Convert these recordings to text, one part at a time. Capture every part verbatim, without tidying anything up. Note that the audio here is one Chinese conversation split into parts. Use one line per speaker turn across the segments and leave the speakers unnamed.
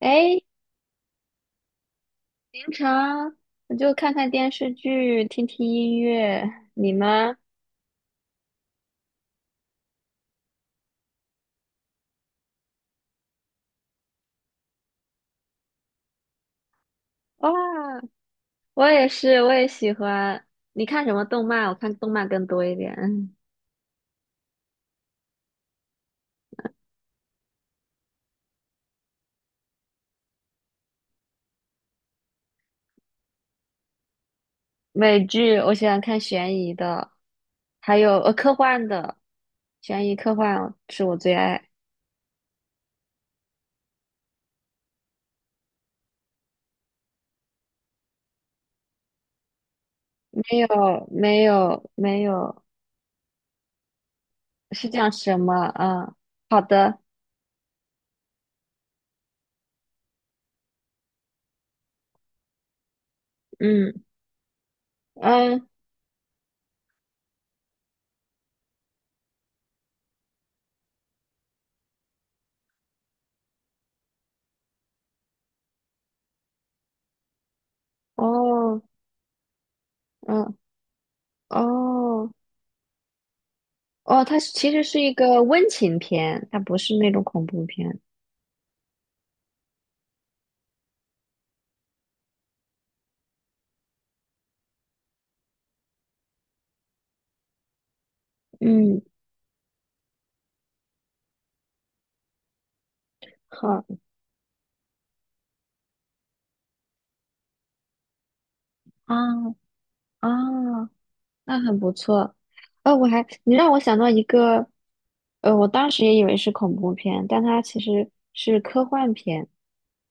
哎，平常我就看看电视剧，听听音乐。你呢？哇，我也是，我也喜欢。你看什么动漫？我看动漫更多一点。美剧我喜欢看悬疑的，还有呃科幻的，悬疑科幻是我最爱。没有，没有，没有，是讲什么？嗯，好的，嗯嗯，哦，嗯哦。哦，它是其实是一个温情片，它不是那种恐怖片。嗯，好啊啊，那很不错。哦，我还你让我想到一个，呃，我当时也以为是恐怖片，但它其实是科幻片。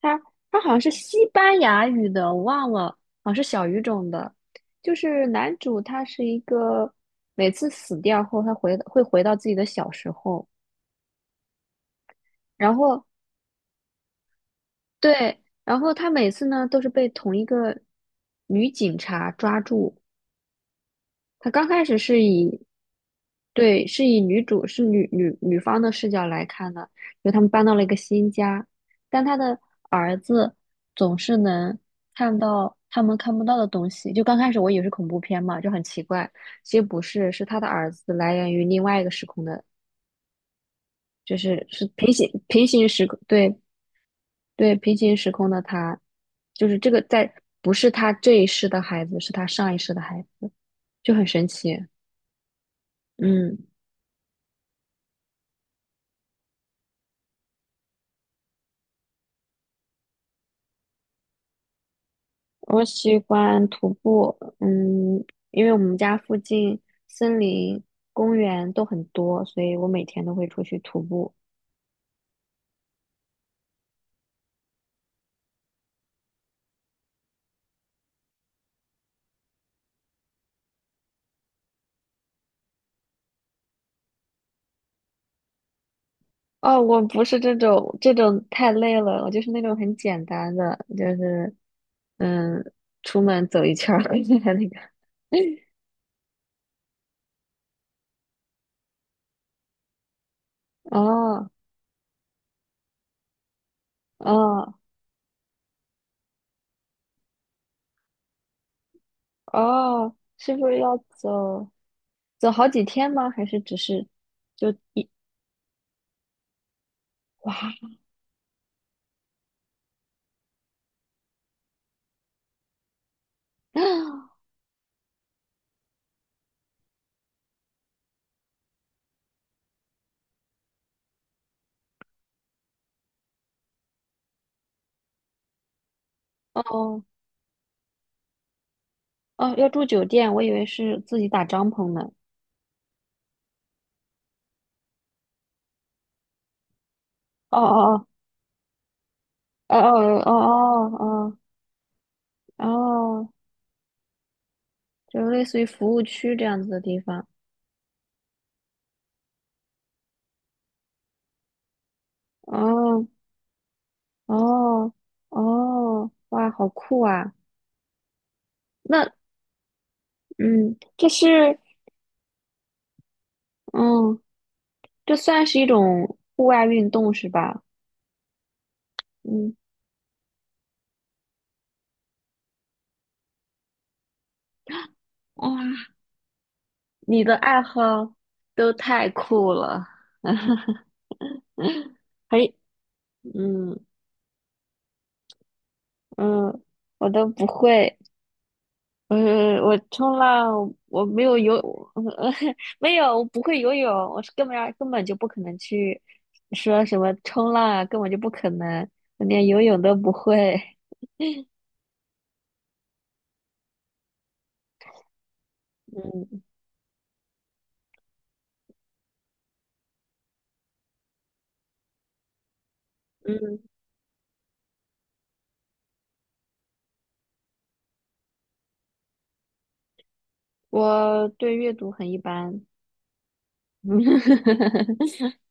它它好像是西班牙语的，我忘了，好像是小语种的。就是男主他是一个每次死掉后，他回会回到自己的小时候。然后对，然后他每次呢都是被同一个女警察抓住。他刚开始是以对是以女主是女女女方的视角来看的，就他们搬到了一个新家，但他的儿子总是能看到他们看不到的东西。就刚开始我以为是恐怖片嘛，就很奇怪，其实不是，是他的儿子来源于另外一个时空的，就是是平行平行时空，对对，平行时空的他，就是这个在，不是他这一世的孩子，是他上一世的孩子，就很神奇。嗯，我喜欢徒步，嗯，因为我们家附近森林、公园都很多，所以我每天都会出去徒步。哦，我不是这种这种太累了，我就是那种很简单的，就是嗯，出门走一圈儿 那个。哦哦哦，是不是要走？走好几天吗？还是只是就哇哦哦要住酒店？我以为是自己打帐篷呢。哦哦哦哦哦哦哦哦，就类似于服务区这样子的地方。哦哦哦，哇，好酷啊！那嗯，这是嗯，这算是一种户外运动是吧？嗯，哇，你的爱好都太酷了。嘿，嗯，嗯，我都不会。嗯，我冲浪，我没有游，没有，我不会游泳，我是根本上根本就不可能去说什么冲浪啊根本就不可能，我连游泳都不会。嗯嗯，我对阅读很一般。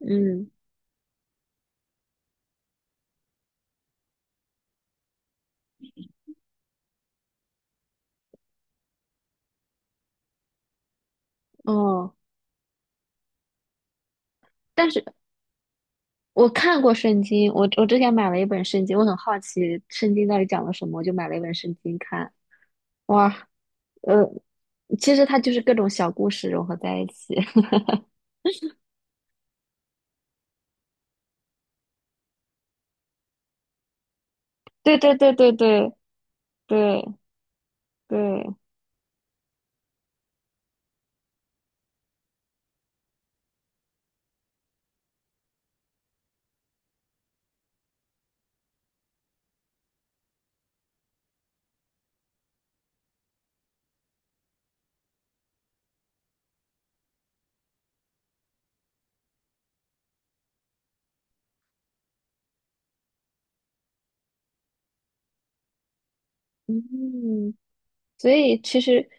嗯哦，但是我看过圣经，我我之前买了一本圣经，我很好奇圣经到底讲了什么，我就买了一本圣经看。哇。呃，其实它就是各种小故事融合在一起。对对对对对对对，嗯，所以其实，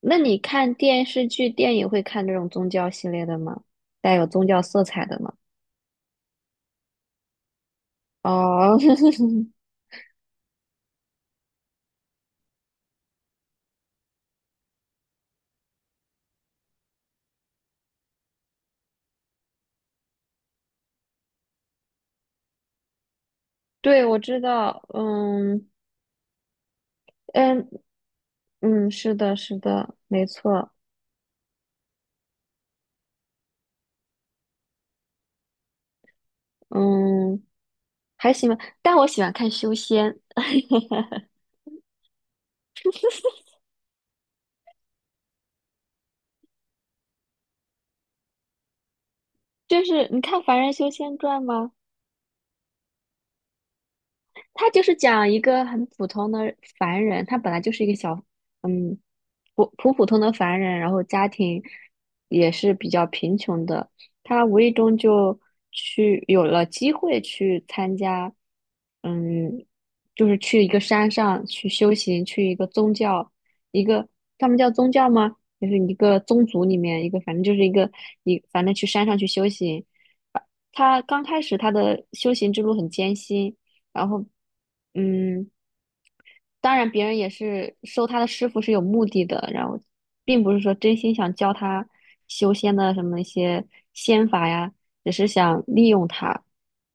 那你看电视剧、电影会看这种宗教系列的吗？带有宗教色彩的吗？哦，对，我知道，嗯嗯嗯，是的，是的，没错，嗯，还行吧，但我喜欢看修仙。就是你看《凡人修仙传》吗？他就是讲一个很普通的凡人，他本来就是一个小，嗯，普普普通的凡人，然后家庭也是比较贫穷的，他无意中就去有了机会去参加，嗯，就是去一个山上去修行，去一个宗教，一个他们叫宗教吗？就是一个宗族里面一个，反正就是一个一，反正去山上去修行。他刚开始他的修行之路很艰辛，然后，嗯，当然别人也是收他的师傅是有目的的，然后并不是说真心想教他修仙的什么一些仙法呀，只是想利用他。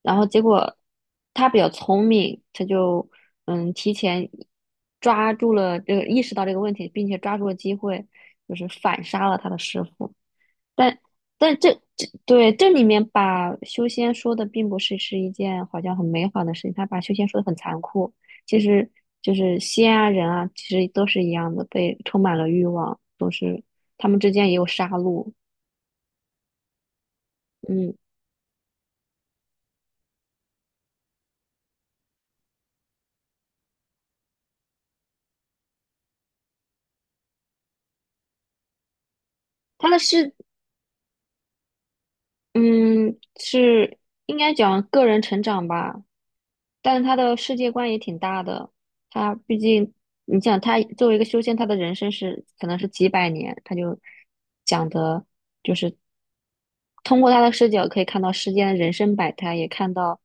然后结果他比较聪明，他就嗯提前抓住了这个意识到这个问题，并且抓住了机会，就是反杀了他的师傅。但但这这对这里面把修仙说的并不是是一件好像很美好的事情，他把修仙说的很残酷，其实就是仙啊人啊，其实都是一样的，被充满了欲望，都是他们之间也有杀戮。嗯，他的是嗯是应该讲个人成长吧，但是他的世界观也挺大的，他毕竟你想他作为一个修仙，他的人生是可能是几百年，他就讲的。通过他的视角可以看到世间的人生百态，也看到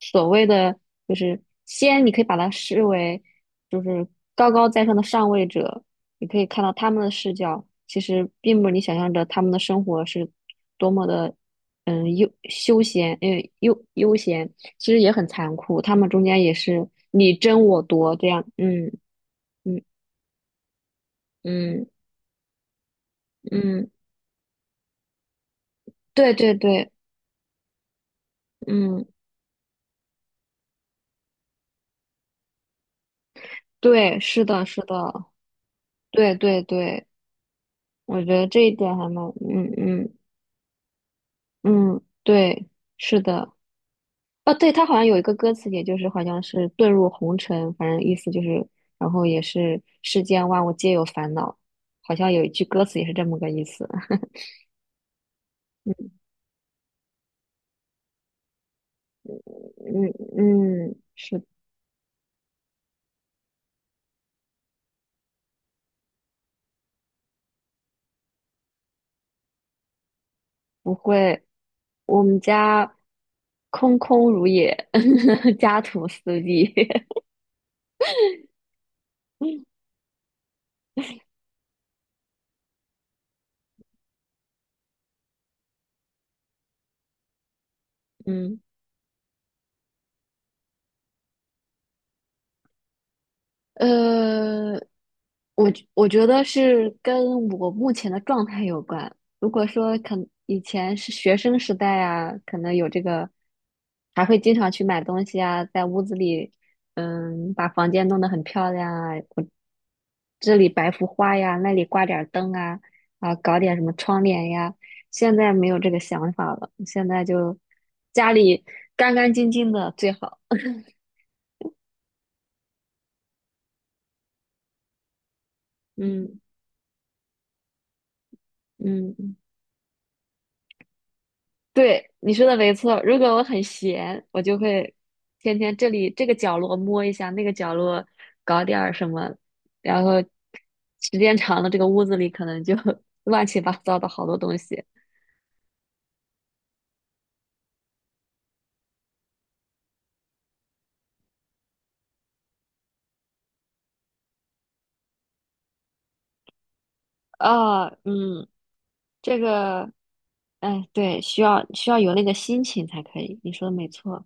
所谓的就是仙，你可以把它视为就是高高在上的上位者，你可以看到他们的视角，其实并不是你想象着他们的生活是多么的嗯悠休闲，嗯，悠悠闲，其实也很残酷，他们中间也是你争我夺这样，嗯嗯嗯嗯，对对对，嗯对，是的是的，对对对。我觉得这一点还蛮，嗯嗯嗯，对，是的，哦，对，他好像有一个歌词，也就是好像是遁入红尘，反正意思就是，然后也是世间万物皆有烦恼，好像有一句歌词也是这么个意思。嗯嗯，是不会，我们家空空如也，家徒四壁。嗯。呃，我觉我觉得是跟我目前的状态有关。如果说可能以前是学生时代啊，可能有这个，还会经常去买东西啊，在屋子里，嗯，把房间弄得很漂亮啊，我这里摆幅画呀，那里挂点儿灯啊，啊，搞点什么窗帘呀。现在没有这个想法了，现在就家里干干净净的最好。嗯嗯。嗯对，你说的没错。如果我很闲，我就会天天这里这个角落摸一下，那个角落搞点儿什么，然后时间长了，这个屋子里可能就 乱七八糟的好多东西。啊，嗯，这个，哎，对，需要需要有那个心情才可以。你说的没错。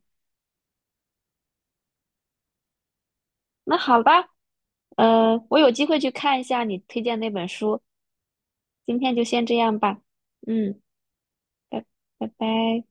那好吧，呃，我有机会去看一下你推荐那本书。今天就先这样吧。嗯，拜拜拜。